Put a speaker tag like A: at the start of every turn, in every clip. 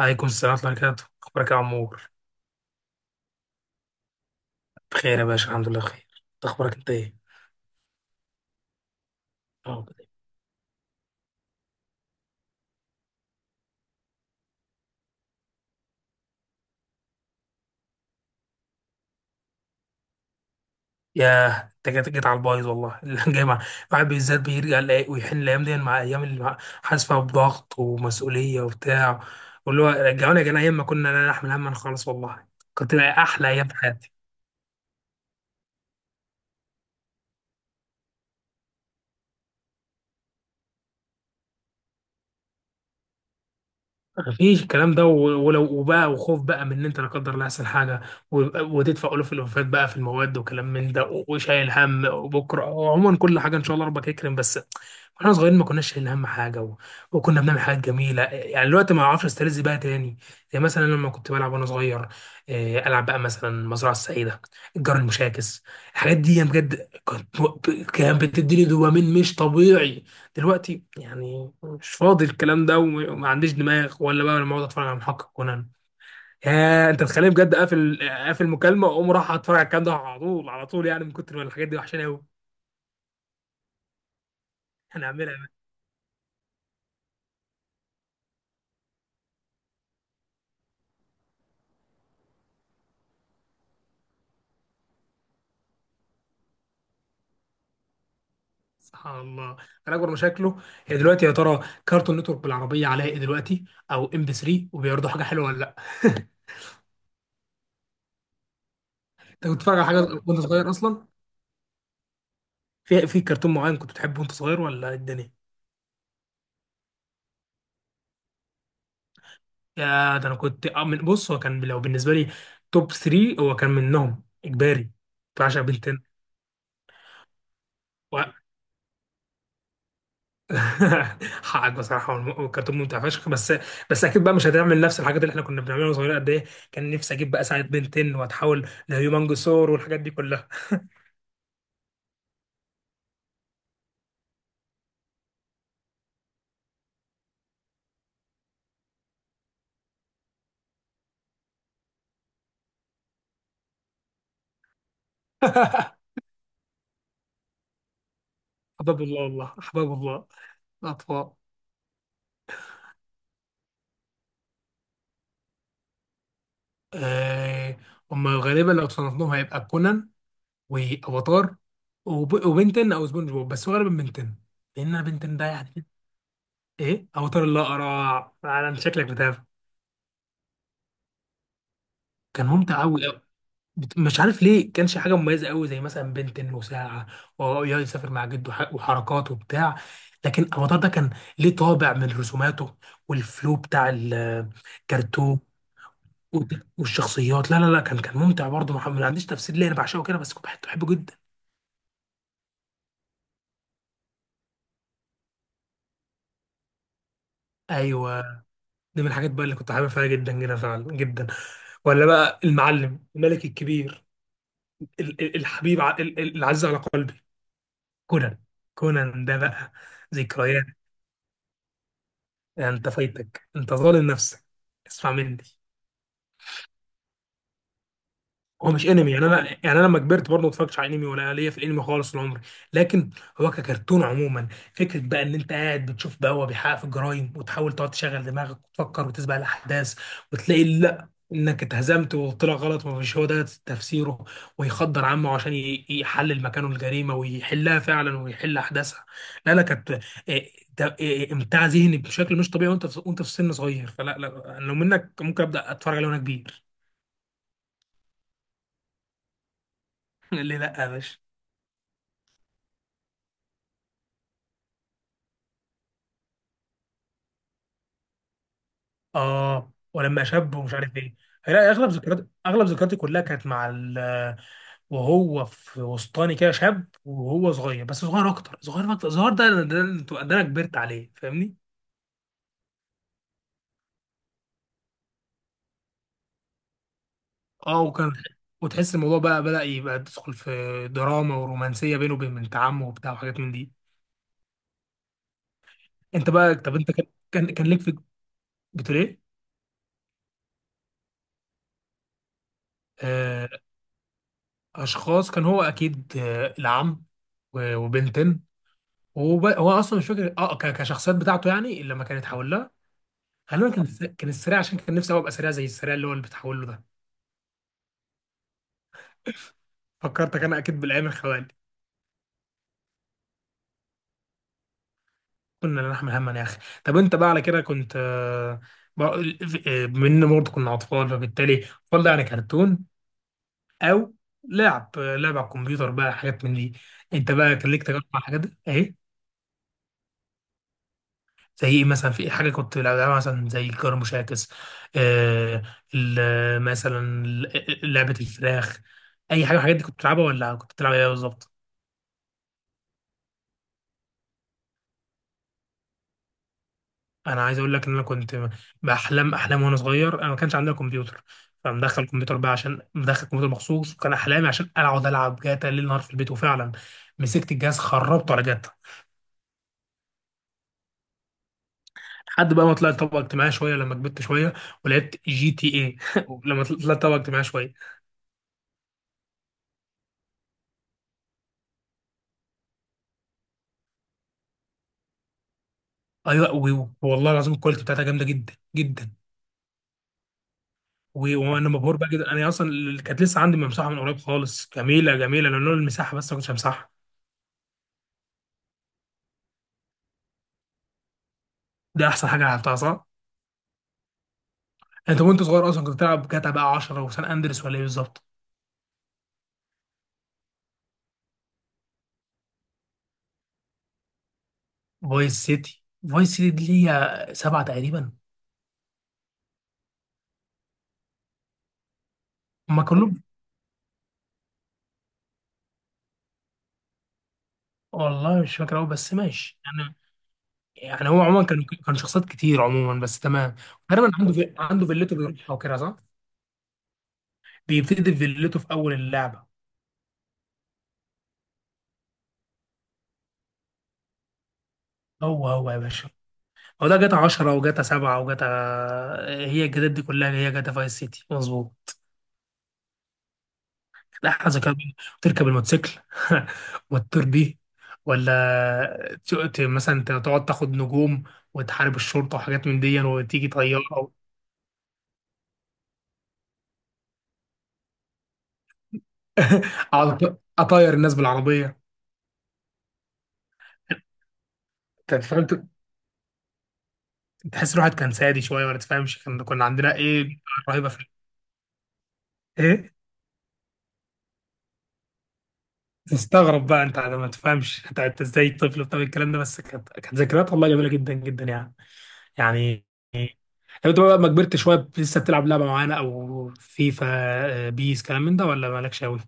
A: عليكم السلام ورحمة الله وبركاته، أخبارك يا عمور؟ بخير يا باشا، الحمد لله بخير. أنت أخبارك إيه؟ اه. ياه، أنت جيت على البايظ والله. اللي جاي مع الواحد بالذات بيرجع ويحن الأيام دي مع أيام حاسس فيها بضغط ومسؤولية وبتاع، واللي هو رجعوني يا جدعان أيام ما كنا لا نحمل هما خالص والله. كنت بقى أحلى أيام في حياتي. مفيش الكلام ده ولو وبقى وخوف بقى من ان انت لا قدر الله يحصل حاجه وتدفع الوف الوفات بقى في المواد وكلام من ده وشايل هم وبكره، وعموما كل حاجه ان شاء الله ربك يكرم بس. واحنا صغيرين ما كناش شايلين هم حاجه وكنا بنعمل حاجات جميله، يعني دلوقتي ما اعرفش استرز بقى تاني. زي مثلا لما كنت بلعب وانا صغير، العب بقى مثلا المزرعه السعيده، الجار المشاكس، الحاجات دي بجد كنت، كانت بتديني دوبامين مش طبيعي. دلوقتي يعني مش فاضي الكلام ده وما عنديش دماغ ولا بقى لما اقعد اتفرج على محقق كونان، يا انت تخليني بجد اقفل مكالمه واقوم راح اتفرج على الكلام ده على طول على طول، يعني من كتر ما الحاجات دي وحشاني قوي. هنعملها بقى. سبحان الله. انا اكبر مشاكله هي دلوقتي يا ترى كارتون نتورك بالعربيه عليها ايه دلوقتي، او ام بي 3 وبيعرضوا حاجه حلوه ولا لا. انت كنت بتتفرج على حاجه وانت صغير اصلا؟ في كرتون معين كنت بتحبه وانت صغير ولا إيه الدنيا؟ يا ده انا كنت من بص، هو كان لو بالنسبه لي توب 3 هو كان منهم اجباري، كنت بعشق بنتين و... حقك بصراحه، هو هو الكرتون ممتع فشخ، بس بس اكيد بقى مش هتعمل نفس الحاجات اللي احنا كنا بنعملها واحنا صغيرين. قد ايه كان نفسي اجيب بقى ساعه بنتين واتحول لهيومنجسور والحاجات دي كلها. احباب الله والله، احباب الله الاطفال. آه، هم غالبا لو صنفناهم هيبقى كونان وافاتار وبنتين او سبونج بوب، بس غالبا بنتين لان انا بنتين ده يعني. ايه اوتار الاقرع، فعلا شكلك بتابع. كان ممتع قوي قوي، مش عارف ليه، كانش حاجه مميزه قوي زي مثلا بنتن وساعه وهو يقعد يسافر مع جده وحركات وبتاع، لكن اوتار ده كان ليه طابع من رسوماته والفلو بتاع الكرتون والشخصيات. لا لا لا، كان كان ممتع برضه محمد، ما عنديش تفسير ليه انا بعشقه كده، بس كنت بحبه جدا. ايوه، دي من الحاجات بقى اللي كنت حابب فيها جدا جدا فعلا جدا. ولا بقى المعلم الملك الكبير، الحبيب العزيز على قلبي كونان. كونان ده بقى ذكريات. يعني انت فايتك، انت ظالم نفسك، اسمع مني. هو مش انمي يعني، انا يعني انا لما كبرت برضه ما اتفرجتش على انمي ولا ليا في الانمي خالص طول عمري، لكن هو ككرتون عموما، فكره بقى ان انت قاعد بتشوف بقى هو بيحقق في الجرايم، وتحاول تقعد تشغل دماغك وتفكر وتسبق الاحداث وتلاقي لا انك اتهزمت وطلع غلط ومش هو ده تفسيره، ويخدر عمه عشان يحلل مكانه الجريمه ويحلها فعلا ويحل احداثها. لا لا، كانت إيه، ده- إيه، امتاع ذهني بشكل مش طبيعي وانت في، وانت في سن صغير. فلا لا، لو منك ممكن ابدا اتفرج عليه وانا كبير. ليه لا يا باشا؟ اه، ولما شاب ومش عارف ايه. لا اغلب ذكريات، اغلب ذكرياتي كلها كانت مع وهو في وسطاني كده شاب، وهو صغير، بس صغير اكتر، صغير اكتر صغير، ده انا كبرت عليه فاهمني. اه وكان، وتحس الموضوع بقى بدأ يبقى تدخل في دراما ورومانسية بينه وبين بنت عمه وبتاع وحاجات من دي. انت بقى، طب انت كان، كان ليك في، بتقول ايه؟ آه، اشخاص، كان هو اكيد العم وبنتين، هو اصلا مش فاكر اه كشخصيات بتاعته، يعني لما كانت حواليها. غالبا كان كان السريع، عشان كان نفسي أوي ابقى سريع زي السريع اللي هو اللي بتحول له ده. فكرتك انا اكيد بالايام الخوالي. كنا لا نحمل هما يا اخي. طب انت بقى على كده كنت، بما برضه كنا اطفال، فبالتالي اطفال ده يعني كرتون، او لعب لعب على الكمبيوتر بقى، حاجات من دي. انت بقى كان ليك تجارب مع الحاجات دي ايه؟ زي ايه مثلا؟ في إيه حاجه كنت بلعبها مثلا زي الجار المشاكس؟ آه، مثلا لعبه الفراخ، اي حاجه من الحاجات دي كنت بتلعبها، ولا كنت بتلعب ايه بالظبط؟ انا عايز اقول لك ان انا كنت باحلام وانا صغير، انا ما كانش عندنا كمبيوتر، فمدخل كمبيوتر بقى، عشان مدخل كمبيوتر مخصوص، وكان احلامي عشان اقعد العب جاتا ليل نهار في البيت، وفعلا مسكت الجهاز خربته على جاتا. لحد بقى ما طلعت طبقه اجتماعيه شويه لما كبرت شويه ولعبت جي تي ايه. لما طلعت طبقه اجتماعيه شويه. ايوه والله العظيم الكواليتي بتاعتها جامده جدا جدا، وانا مبهور بقى جدا، انا اصلا اللي كانت لسه عندي ممسوحه من قريب خالص، جميله جميله لولا المساحه، بس ما كنتش همسحها. ده احسن حاجه لعبتها، صح. انت وانت صغير اصلا كنت بتلعب جاتا بقى 10 وسان اندرس ولا ايه بالظبط؟ فايس سيتي. فايس سيتي دي ليها سبعه تقريبا. هما كلهم. والله مش فاكر قوي بس ماشي يعني. يعني هو عموما كان، كان شخصيات كتير عموما بس تمام. تقريبا عنده عنده فيلته بيروحها وكده صح؟ بيبتدي في فيلته في اول اللعبه. هو هو يا باشا، هو ده جاتا 10 وجاتا 7 وجاتا، هي الجداد دي كلها، هي جاتا فايس سيتي مظبوط. لا حاجة كده، تركب الموتوسيكل وتطير بيه، ولا مثلا تقعد تاخد نجوم وتحارب الشرطة وحاجات من دي وتيجي طيارة أو أقعد أطير الناس بالعربية. انت فاهم، تحس الواحد كان سادي شوية ولا تفهمش، كان كنا عندنا إيه، رهيبة في إيه. تستغرب بقى أنت ما تفهمش أنت إزاي طفل بتعمل الكلام ده، بس كانت كانت ذكريات والله جميلة جدا جدا يعني. يعني لو أنت بقى ما كبرت شوية لسه بتلعب لعبة معانا أو فيفا، بيس كلام من ده ولا مالكش أوي؟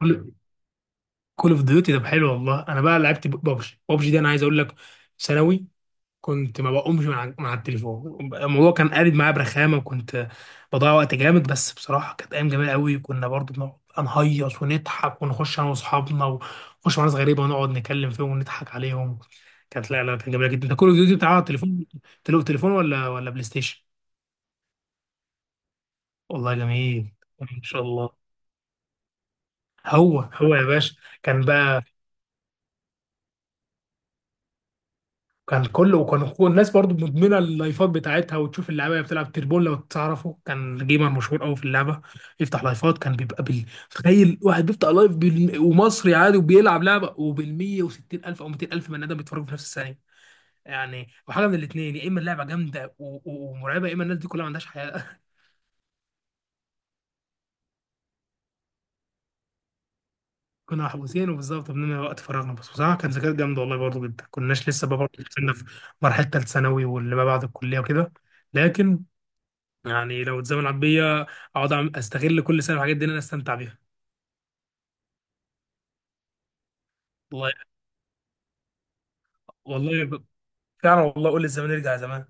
A: كل، كول اوف ديوتي. طب حلو والله، انا بقى لعبت ببجي. ببجي دي انا عايز اقول لك، في ثانوي كنت ما بقومش من على التليفون، الموضوع كان قالب معايا برخامه، وكنت بضيع وقت جامد، بس بصراحه كانت ايام جميله قوي، كنا برضو بنقعد نهيص ونضحك ونخش انا واصحابنا، ونخش مع ناس غريبه ونقعد نكلم فيهم ونضحك عليهم. كانت لا لا كانت جميله جدا. انت كول اوف ديوتي بتاع على التليفون؟ تليفون ولا بلاي ستيشن؟ والله جميل. ما شاء الله. هو هو يا باشا. كان، كله وكان كل الناس برضو مدمنه اللايفات بتاعتها، وتشوف اللعيبه اللي بتلعب تربون لو تعرفه، كان جيمر مشهور قوي في اللعبه يفتح لايفات، كان بيبقى بال، تخيل واحد بيفتح لايف ومصري عادي وبيلعب لعبه، وبال 160 الف او 200 الف بني ادم بيتفرجوا في نفس الثانيه. يعني وحاجه من الاثنين، يا اما اللعبه جامده ومرعبه، يا اما الناس دي كلها ما عندهاش حياه. كنا محبوسين وبالظبط بنملى وقت فراغنا، بس بصراحه كان ذكريات جامده والله برضو جدا، كناش لسه بقى برضو كنا في مرحله ثالث ثانوي واللي ما بعد الكليه وكده، لكن يعني لو اتزمن عبية اقعد استغل كل سنه الحاجات دي ان انا استمتع بيها. والله. والله ب- فعلا والله، قول الزمن يرجع زمان.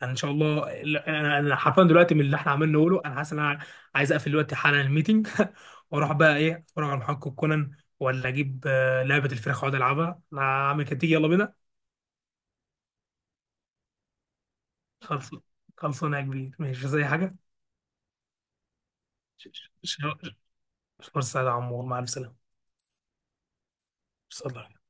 A: يعني ان شاء الله. لا، انا أنا حرفيا دلوقتي من اللي احنا عمالين نقوله، انا حاسس ان انا عايز اقفل دلوقتي حالا الميتنج واروح بقى ايه، اتفرج على محقق كونان ولا اجيب لعبه الفراخ واقعد العبها انا، عامل كده، يلا بينا. خلص، خلصانه يا كبير، ماشي زي حاجه. ش- ش- ش- فرصه يا عمور، مع السلامه. صلى الله عليه وسلم.